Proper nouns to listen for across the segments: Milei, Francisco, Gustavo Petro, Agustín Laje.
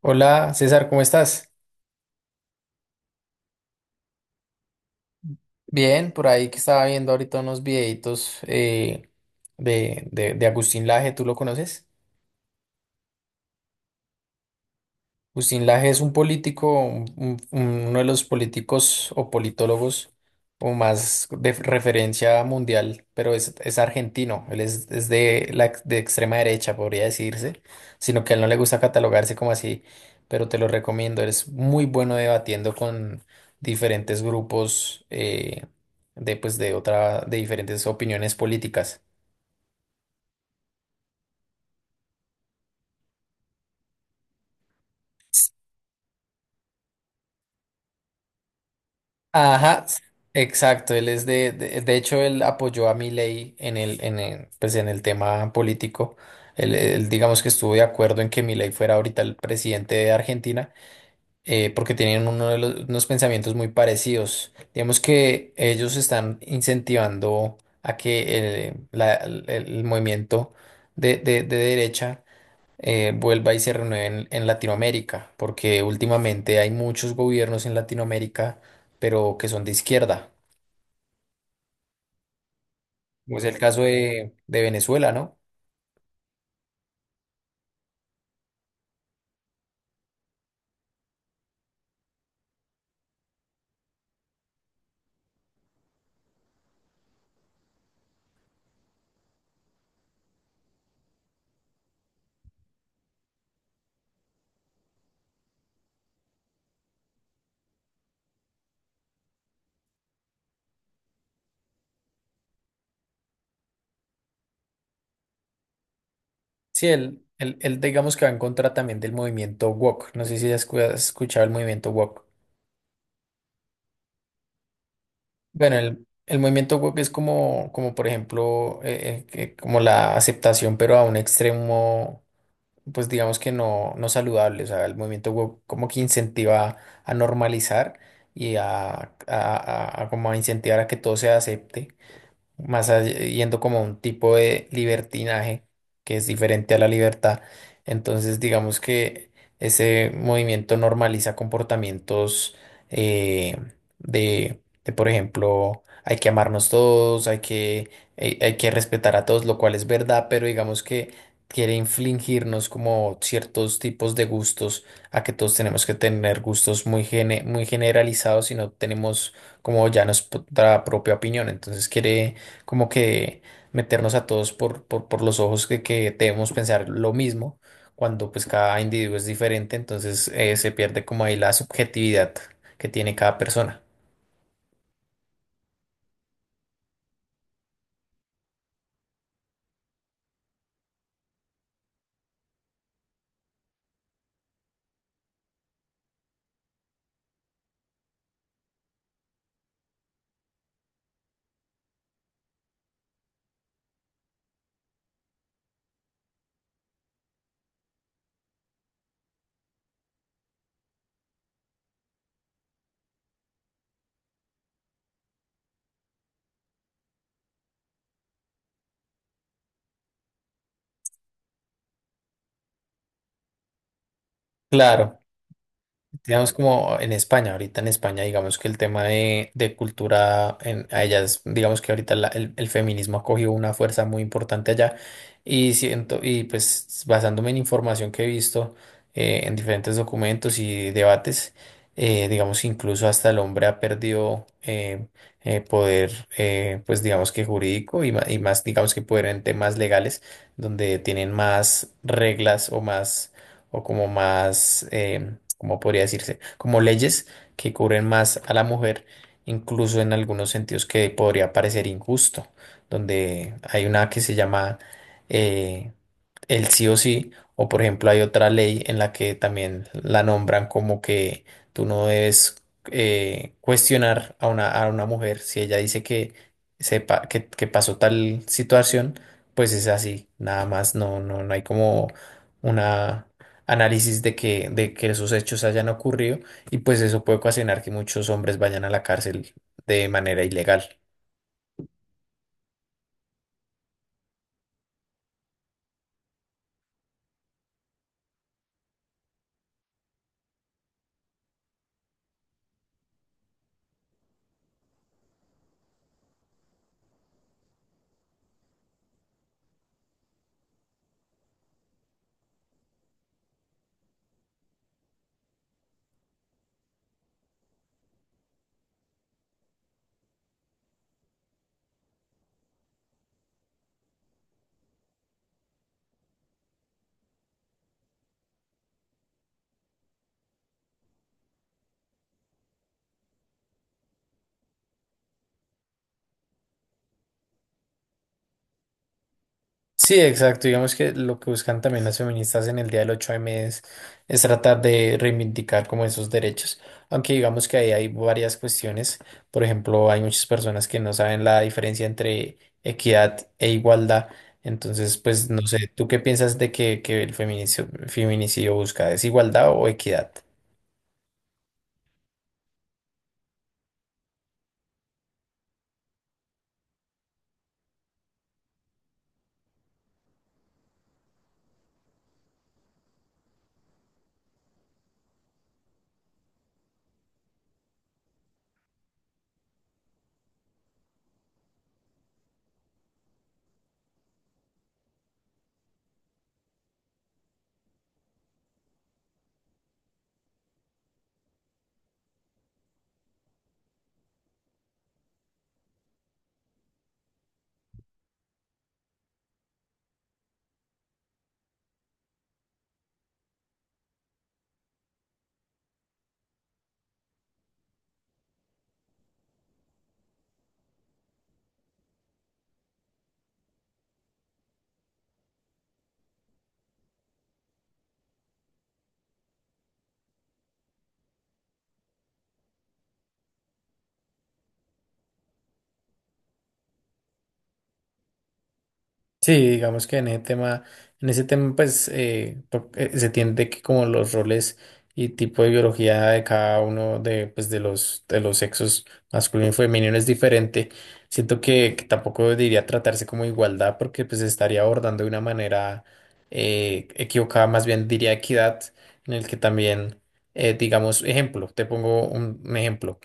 Hola César, ¿cómo estás? Bien, por ahí que estaba viendo ahorita unos videitos de Agustín Laje, ¿tú lo conoces? Agustín Laje es un político, uno de los políticos o politólogos o más de referencia mundial, pero es argentino, es de la de extrema derecha, podría decirse, sino que a él no le gusta catalogarse como así, pero te lo recomiendo. Él es muy bueno debatiendo con diferentes grupos de, pues, de otra, de diferentes opiniones políticas. Ajá, exacto. Él es de hecho, él apoyó a Milei en el, pues en el tema político. Él, digamos que estuvo de acuerdo en que Milei fuera ahorita el presidente de Argentina, porque tienen unos pensamientos muy parecidos. Digamos que ellos están incentivando a que el movimiento de derecha vuelva y se renueve en Latinoamérica, porque últimamente hay muchos gobiernos en Latinoamérica, pero que son de izquierda. Pues el Bueno, caso de Venezuela, ¿no? Sí, él, digamos que va en contra también del movimiento woke. No sé si has escuchado el movimiento woke. Bueno, el movimiento woke es como, como por ejemplo, como la aceptación, pero a un extremo pues digamos que no, no saludable. O sea, el movimiento woke como que incentiva a normalizar y a como a incentivar a que todo se acepte yendo como a un tipo de libertinaje que es diferente a la libertad. Entonces, digamos que ese movimiento normaliza comportamientos eh, de, por ejemplo, hay que amarnos todos, hay que, hay que respetar a todos, lo cual es verdad, pero digamos que quiere infligirnos como ciertos tipos de gustos, a que todos tenemos que tener gustos muy, muy generalizados y no tenemos como ya nuestra propia opinión. Entonces quiere como que meternos a todos por los ojos que debemos pensar lo mismo, cuando pues cada individuo es diferente, entonces se pierde como ahí la subjetividad que tiene cada persona. Claro. Digamos como en España, ahorita en España, digamos que el tema de cultura en, a ellas, digamos que ahorita el feminismo ha cogido una fuerza muy importante allá y siento, y pues basándome en información que he visto en diferentes documentos y debates, digamos incluso hasta el hombre ha perdido poder, pues digamos que jurídico y, y más, digamos que poder en temas legales, donde tienen más reglas o más, o como más... como podría decirse, como leyes que cubren más a la mujer, incluso en algunos sentidos que podría parecer injusto, donde hay una que se llama, eh, el sí o sí, o por ejemplo hay otra ley en la que también la nombran como que tú no debes cuestionar a una mujer si ella dice que sepa que pasó tal situación, pues es así, nada más, no, no, no hay como una análisis de que esos hechos hayan ocurrido y pues eso puede ocasionar que muchos hombres vayan a la cárcel de manera ilegal. Sí, exacto. Digamos que lo que buscan también las feministas en el Día del 8M es tratar de reivindicar como esos derechos. Aunque digamos que ahí hay varias cuestiones. Por ejemplo, hay muchas personas que no saben la diferencia entre equidad e igualdad. Entonces, pues no sé, ¿tú qué piensas de que el feminicidio busca desigualdad o equidad? Sí, digamos que en ese tema, pues se tiende que como los roles y tipo de biología de cada uno de, pues, de los sexos masculino y femenino es diferente. Siento que tampoco diría tratarse como igualdad porque pues estaría abordando de una manera equivocada, más bien diría equidad, en el que también, digamos, ejemplo, te pongo un ejemplo.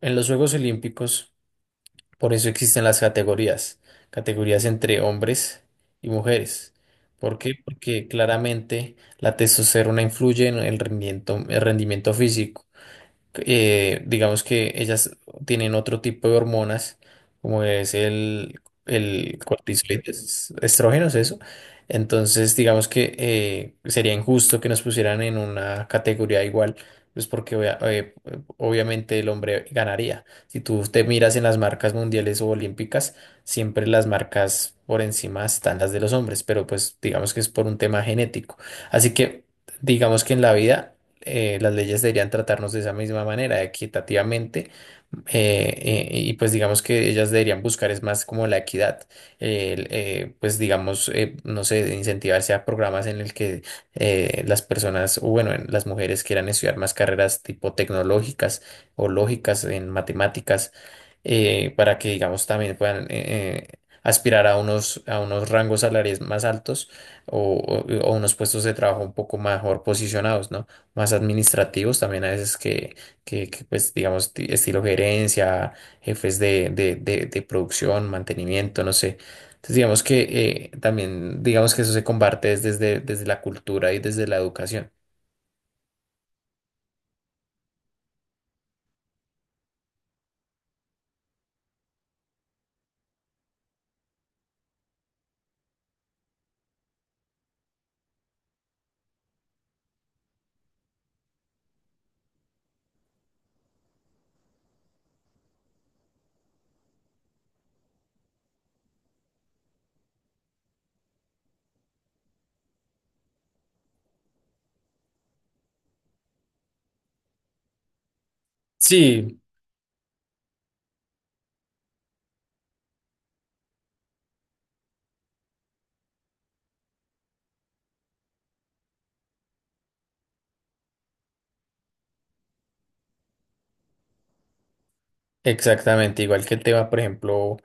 En los Juegos Olímpicos. Por eso existen las categorías, categorías entre hombres y mujeres. ¿Por qué? Porque claramente la testosterona influye en el rendimiento físico. Digamos que ellas tienen otro tipo de hormonas, como es el cortisol y estrógenos, eso. Entonces, digamos que sería injusto que nos pusieran en una categoría igual, pues porque obviamente el hombre ganaría. Si tú te miras en las marcas mundiales o olímpicas, siempre las marcas por encima están las de los hombres, pero pues digamos que es por un tema genético. Así que digamos que en la vida las leyes deberían tratarnos de esa misma manera, equitativamente, y pues digamos que ellas deberían buscar es más como la equidad, pues digamos, no sé, incentivarse a programas en el que las personas, o bueno, las mujeres quieran estudiar más carreras tipo tecnológicas o lógicas en matemáticas, para que digamos también puedan aspirar a unos rangos salariales más altos o, o unos puestos de trabajo un poco mejor posicionados, ¿no? Más administrativos también a veces que pues digamos estilo gerencia, jefes de producción, mantenimiento, no sé. Entonces digamos que también digamos que eso se combate es desde la cultura y desde la educación. Sí, exactamente, igual que el tema, por ejemplo,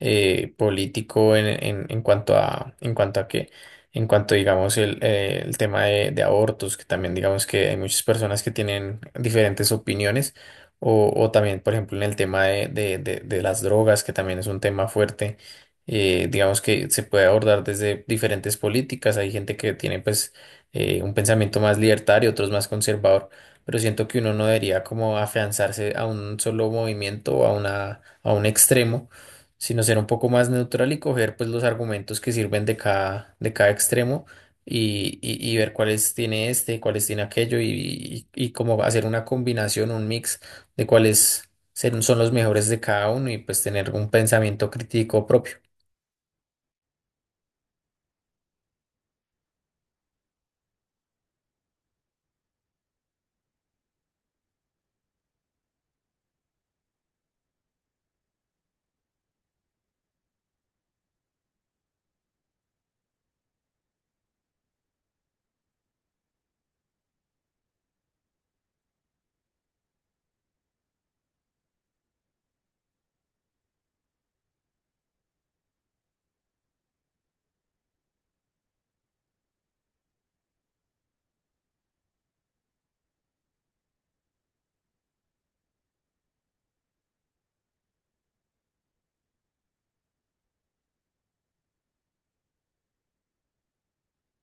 político en cuanto en cuanto en cuanto, digamos, el tema de abortos, que también digamos que hay muchas personas que tienen diferentes opiniones, o también, por ejemplo, en el tema de las drogas, que también es un tema fuerte, digamos que se puede abordar desde diferentes políticas, hay gente que tiene pues un pensamiento más libertario, otros más conservador, pero siento que uno no debería como afianzarse a un solo movimiento o a una, a un extremo, sino ser un poco más neutral y coger pues los argumentos que sirven de cada extremo y, y ver cuáles tiene este, cuáles tiene aquello y, y como hacer una combinación, un mix de son los mejores de cada uno y pues tener un pensamiento crítico propio.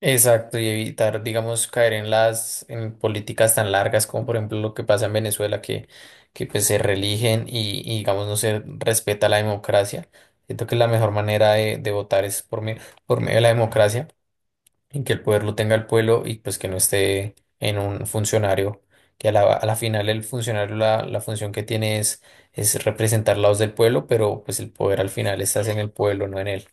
Exacto, y evitar, digamos, caer en las en políticas tan largas como por ejemplo lo que pasa en Venezuela, que pues se reeligen y, digamos no se respeta la democracia. Siento que la mejor manera de votar es por medio de la democracia, en que el poder lo tenga el pueblo y pues que no esté en un funcionario, que a a la final el funcionario la función que tiene es representar la voz del pueblo, pero pues el poder al final estás en el pueblo, no en él.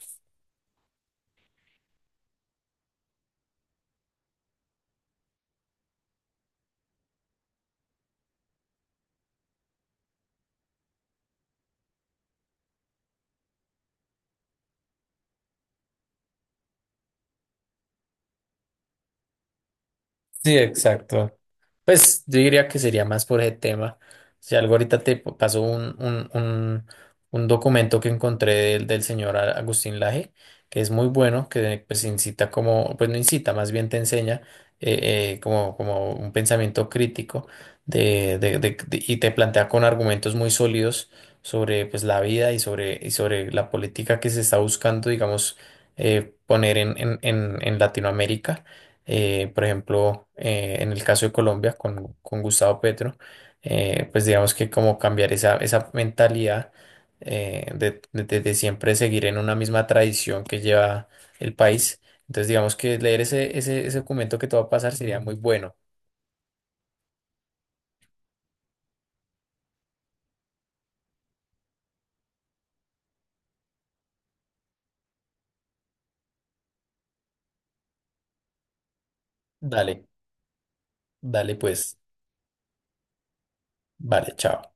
Sí, exacto. Pues yo diría que sería más por ese tema. Si algo ahorita pasó un documento que encontré del, del señor Agustín Laje, que es muy bueno, que pues incita como, pues no incita, más bien te enseña como, como un pensamiento crítico y te plantea con argumentos muy sólidos sobre pues la vida y sobre la política que se está buscando, digamos, poner en Latinoamérica. Por ejemplo, en el caso de Colombia con Gustavo Petro, pues digamos que como cambiar esa, esa mentalidad de siempre seguir en una misma tradición que lleva el país. Entonces, digamos que leer ese, ese documento que te va a pasar sería muy bueno. Dale, dale pues, vale, chao.